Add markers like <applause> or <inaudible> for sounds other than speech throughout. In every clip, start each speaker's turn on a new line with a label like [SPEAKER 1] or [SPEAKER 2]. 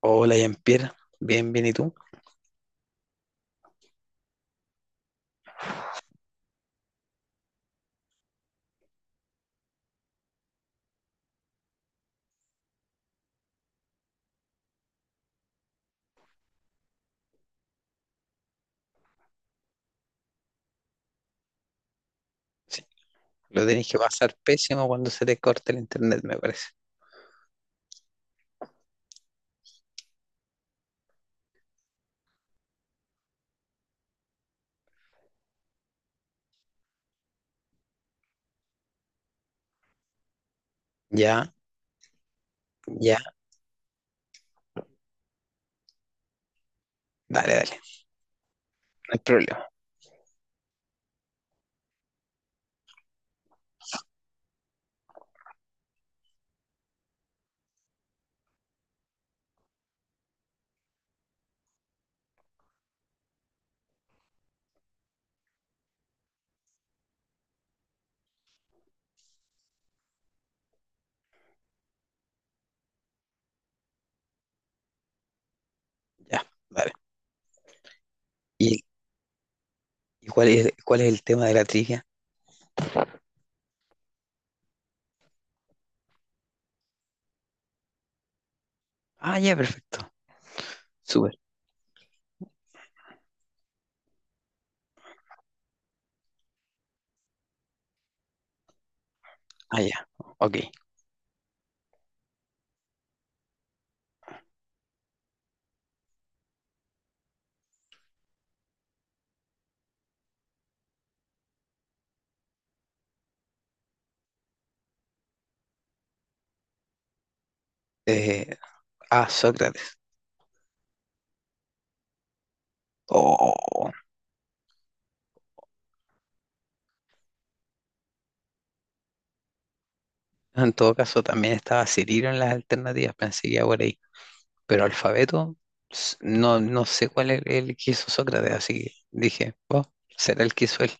[SPEAKER 1] Hola, Jean-Pierre. Bien, bien, ¿y tú? Sí, lo tenés que pasar pésimo cuando se te corte el internet, me parece. Ya, ya, dale, dale, no hay problema. Ya, dale. ¿Y, y cuál es el tema de la trivia? Ah, ya, perfecto. Súper. Ah, ya. Ok. Eh, ah, Sócrates. Oh. En todo caso, también estaba Cirilo en las alternativas, pensé que iba por ahí. Pero alfabeto, no, no sé cuál es el que hizo Sócrates, así que dije, oh, será el que hizo él.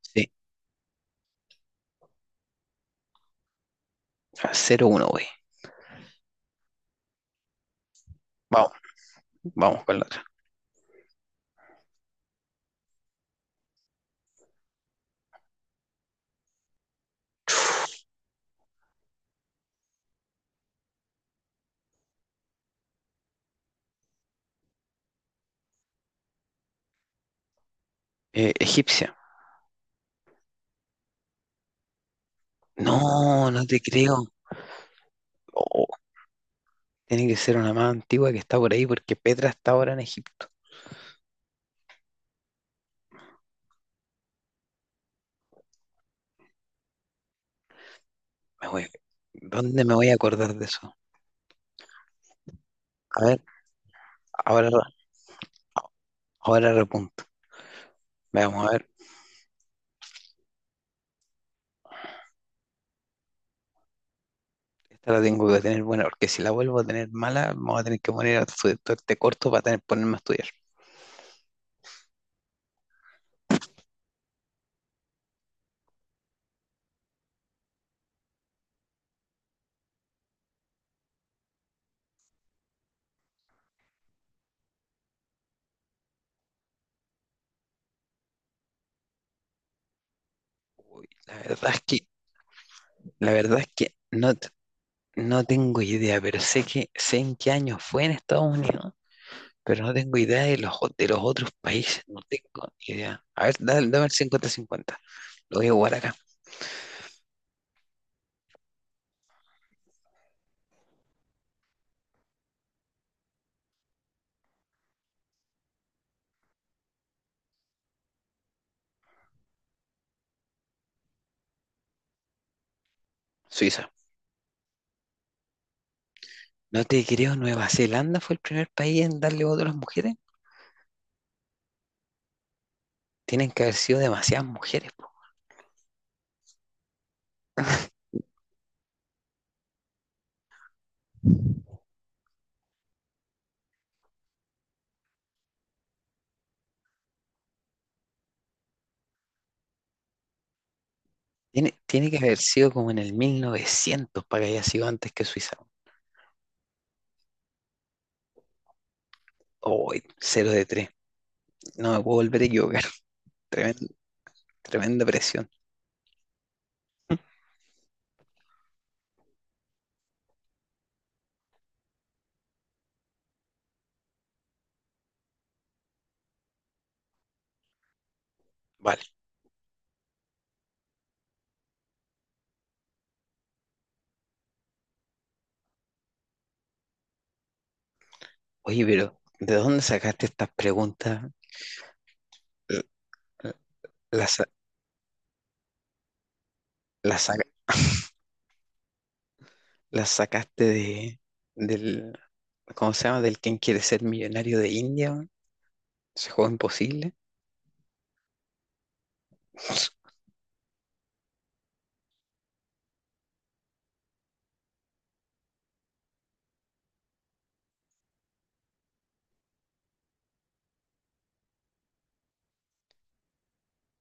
[SPEAKER 1] Sí, 0-1, güey. Vamos, vamos con la otra. Egipcia. No, no te creo. Oh, tiene que ser una más antigua que está por ahí porque Petra está ahora en Egipto. Me voy- ¿Dónde me voy a acordar de eso? A ver, ahora, ahora repunto. Veamos, a ver. Esta la tengo que tener buena porque si la vuelvo a tener mala, vamos a tener que poner a este corto para tener, ponerme a estudiar. La verdad es que, la verdad es que no, no tengo idea, pero sé en qué año fue en Estados Unidos, pero no tengo idea de los otros países, no tengo ni idea. A ver, dame el 50/50. Lo voy a jugar acá. Suiza. No te creo, Nueva Zelanda fue el primer país en darle voto a las mujeres. Tienen que haber sido demasiadas mujeres, po. Tiene que haber sido como en el 1900 para que haya sido antes que Suiza. Hoy, 0 de 3. No me puedo volver a equivocar. <laughs> Tremenda, tremenda presión. Vale. Oye, pero ¿de dónde sacaste estas preguntas? L- l- ¿Las, sa- las, saca- las sacaste del, ¿cómo se llama? Del quién quiere ser millonario de India, weón. Ese juego imposible.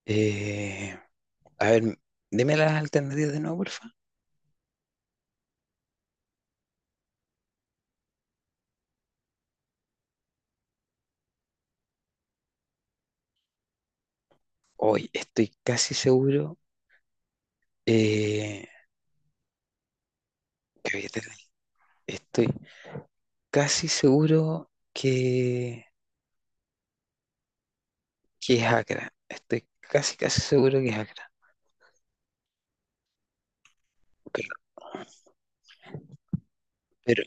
[SPEAKER 1] Eh, a ver, deme las alternativas de nuevo, porfa. Hoy estoy casi seguro. Eh, que había tele- Estoy casi seguro que es Acra. Estoy casi, casi seguro que es Acra. Pero, pero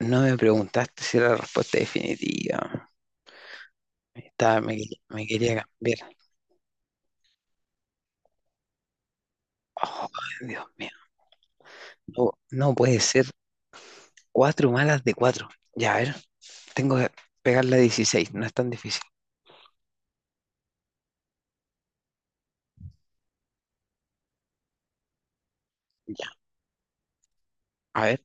[SPEAKER 1] no me preguntaste si era la respuesta definitiva. Estaba, me, me quería cambiar. Oh, Dios mío. No, no puede ser. Cuatro malas de cuatro. Ya, a ver. Tengo que pegar la 16, no es tan difícil. Ya. A ver,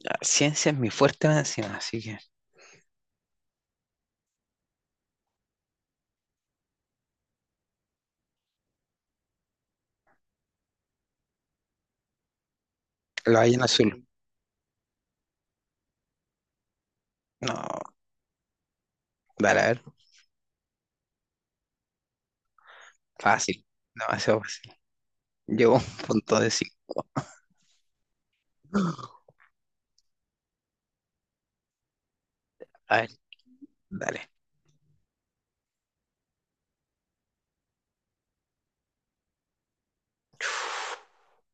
[SPEAKER 1] la ciencia es mi fuerte más encima, así que la ballena azul. No, dale, a ver, fácil, demasiado fácil. Llevo un punto de 5. A ver, dale.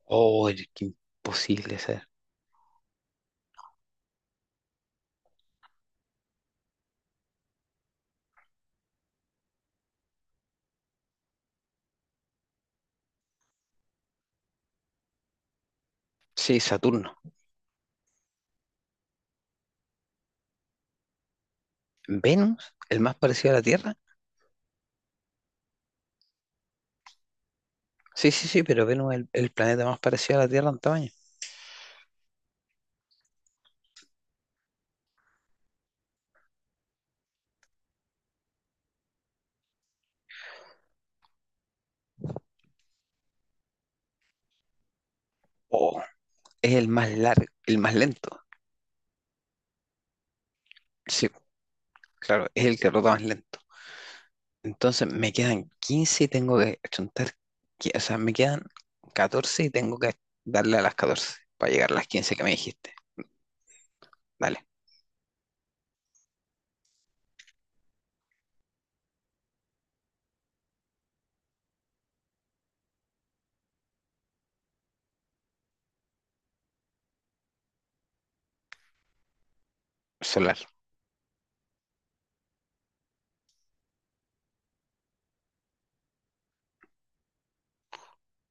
[SPEAKER 1] Oh, qué imposible ser. Sí, Saturno. ¿Venus? ¿El más parecido a la Tierra? Sí, sí, sí, pero Venus es el planeta más parecido a la Tierra en tamaño. Oh, es el más largo, el más lento. Sí, claro, es el que rota más lento. Entonces me quedan 15 y tengo que chuntar, o sea, me quedan 14 y tengo que darle a las 14 para llegar a las 15 que me dijiste. Dale, solar.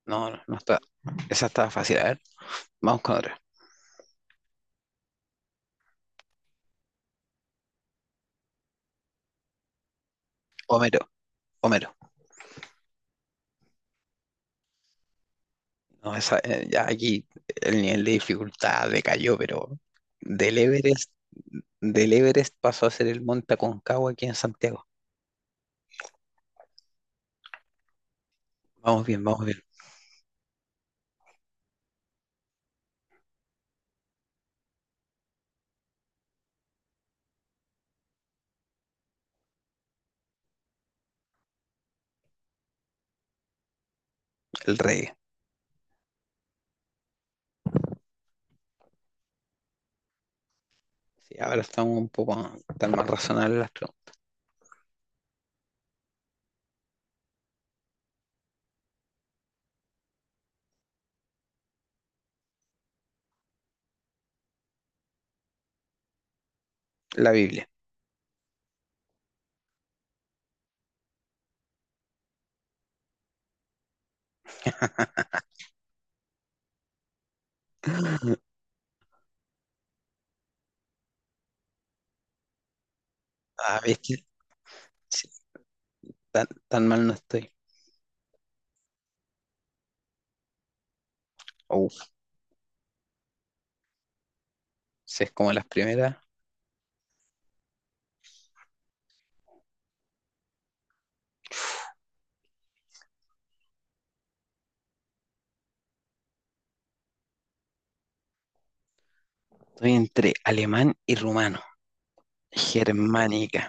[SPEAKER 1] No, no, no está. Esa estaba fácil. A ver, vamos con otra. Homero, Homero. No, esa, ya aquí el nivel de dificultad decayó, pero del Everest, del Everest pasó a ser el Monte Aconcagua aquí en Santiago. Vamos bien, vamos bien. El reggae. Sí, ahora estamos un poco tan más razonables las preguntas. La Biblia. <laughs> Ah, ¿viste? Sí, tan, tan mal no estoy. Uf, si es como las primeras. Estoy entre alemán y rumano. Germánica.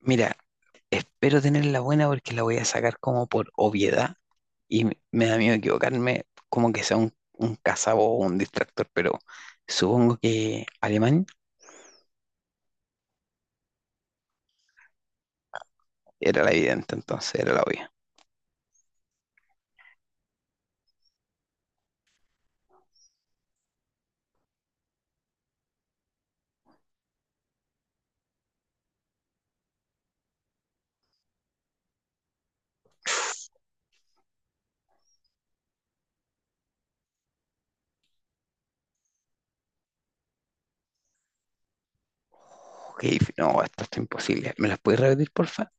[SPEAKER 1] Mira, espero tenerla buena porque la voy a sacar como por obviedad y me da miedo equivocarme, como que sea un cazabo o un distractor, pero supongo que alemán era la evidente, entonces era la obvia. Uf, No, esto está imposible. ¿Me las puedes repetir, porfa?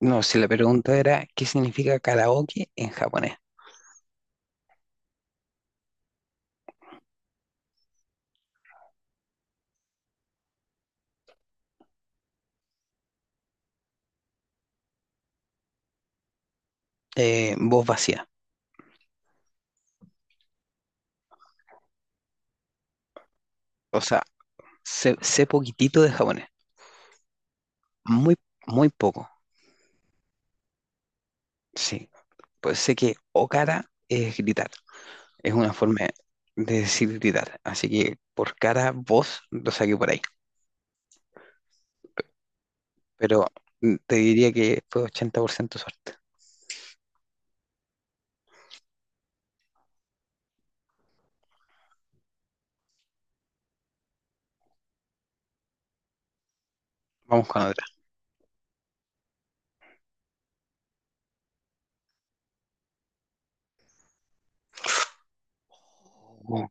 [SPEAKER 1] No, si la pregunta era, ¿qué significa karaoke en japonés? Voz vacía. O sea, sé poquitito de japonés, muy, muy poco, sí. Pues sé que okara es gritar, es una forma de decir gritar, así que por cara, voz, lo saqué por ahí, pero te diría que fue 80% suerte. Vamos con otra. Oh,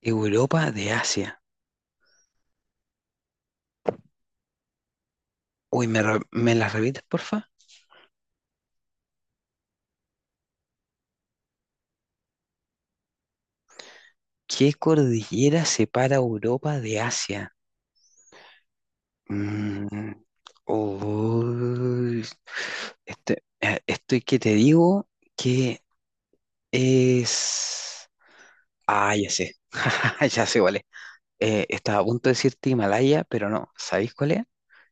[SPEAKER 1] Europa de Asia. Uy, ¿me la repites, porfa? ¿Qué cordillera separa Europa de Asia? Mm, Uy, este, estoy que te digo que es. Ah, ya sé. <laughs> Ya sé cuál es. Estaba a punto de decirte Himalaya, pero no. ¿Sabéis cuál es?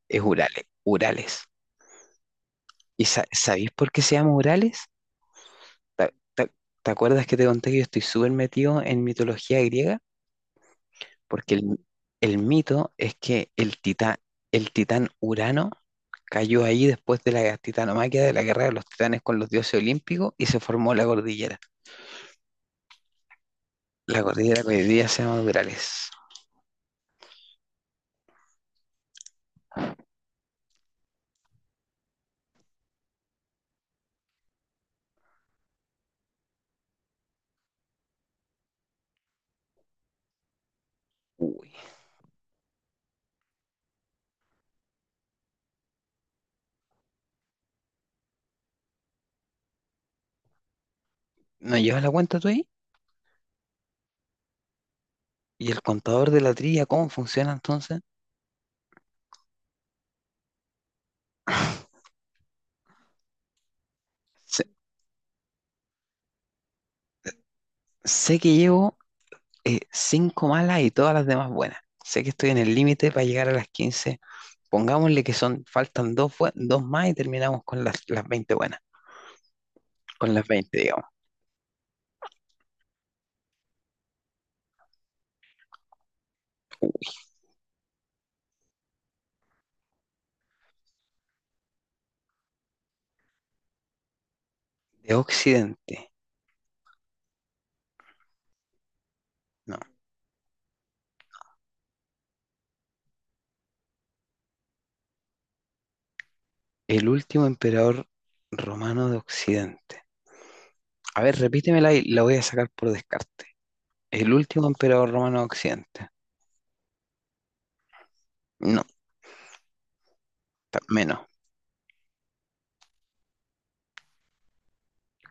[SPEAKER 1] Es Urales. Urales. ¿Y sabéis por qué se llama Urales? ¿Te, te- te acuerdas que te conté que yo estoy súper metido en mitología griega? Porque el mito es que el titán Urano cayó ahí después de la titanomaquia de la guerra de los titanes con los dioses olímpicos y se formó la cordillera. La cordillera que hoy día se llama Durales. Uy. ¿No llevas la cuenta tú ahí? ¿Y el contador de la trilla cómo funciona entonces? Sé, sé que llevo cinco malas y todas las demás buenas. Sé que estoy en el límite para llegar a las quince. Pongámosle que faltan dos, dos más y terminamos con las 20 buenas. Con las 20. De Occidente. No. El último emperador romano de Occidente. A ver, repítemela y la voy a sacar por descarte. El último emperador romano de Occidente. No, menos.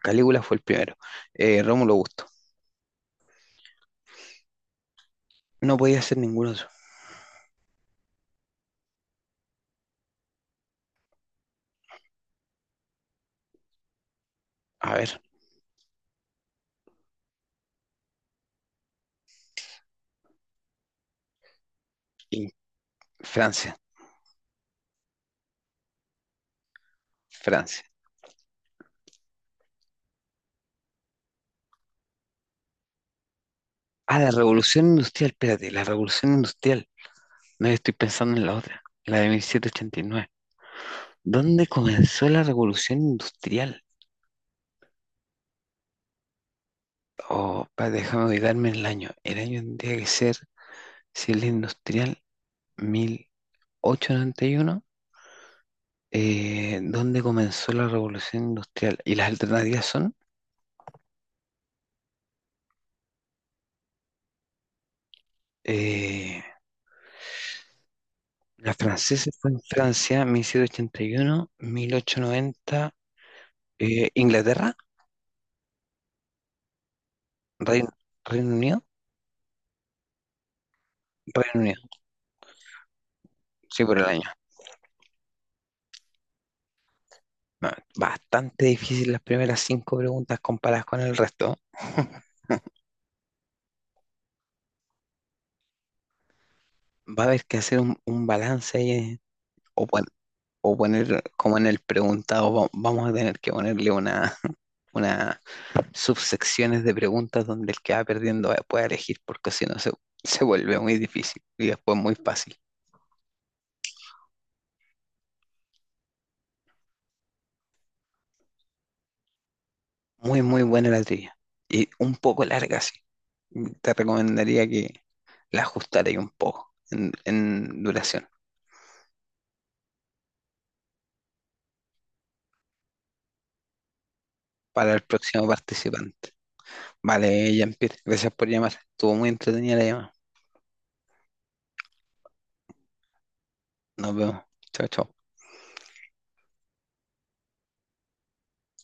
[SPEAKER 1] Calígula fue el primero. Rómulo Augusto. No podía ser ninguno de esos. A ver, y Francia. Francia. Ah, la revolución industrial. Espérate, la revolución industrial. No estoy pensando en la otra. La de 1789. ¿Dónde comenzó la revolución industrial? Oh, pa, déjame ubicarme en el año. El año tendría que ser si es la industrial 1891, donde comenzó la revolución industrial. Y las alternativas son, eh, la francesa fue en Francia, 1781, 1890, Inglaterra, Reino, Reino Unido, Reino Unido, sí, por el año. Ah, bastante difícil las primeras cinco preguntas comparadas con el resto. Va a haber que hacer un balance ahí, o, pon- o poner como en el preguntado, vamos a tener que ponerle <laughs> una subsecciones de preguntas donde el que va perdiendo puede elegir, porque si no se vuelve muy difícil y después muy fácil. Muy, muy buena la trivia. Y un poco larga, sí. Te recomendaría que la ajustarais un poco en duración para el próximo participante. Vale, Jean-Pierre, gracias por llamar. Estuvo muy entretenida la llamada. Nos vemos. Chao, chao.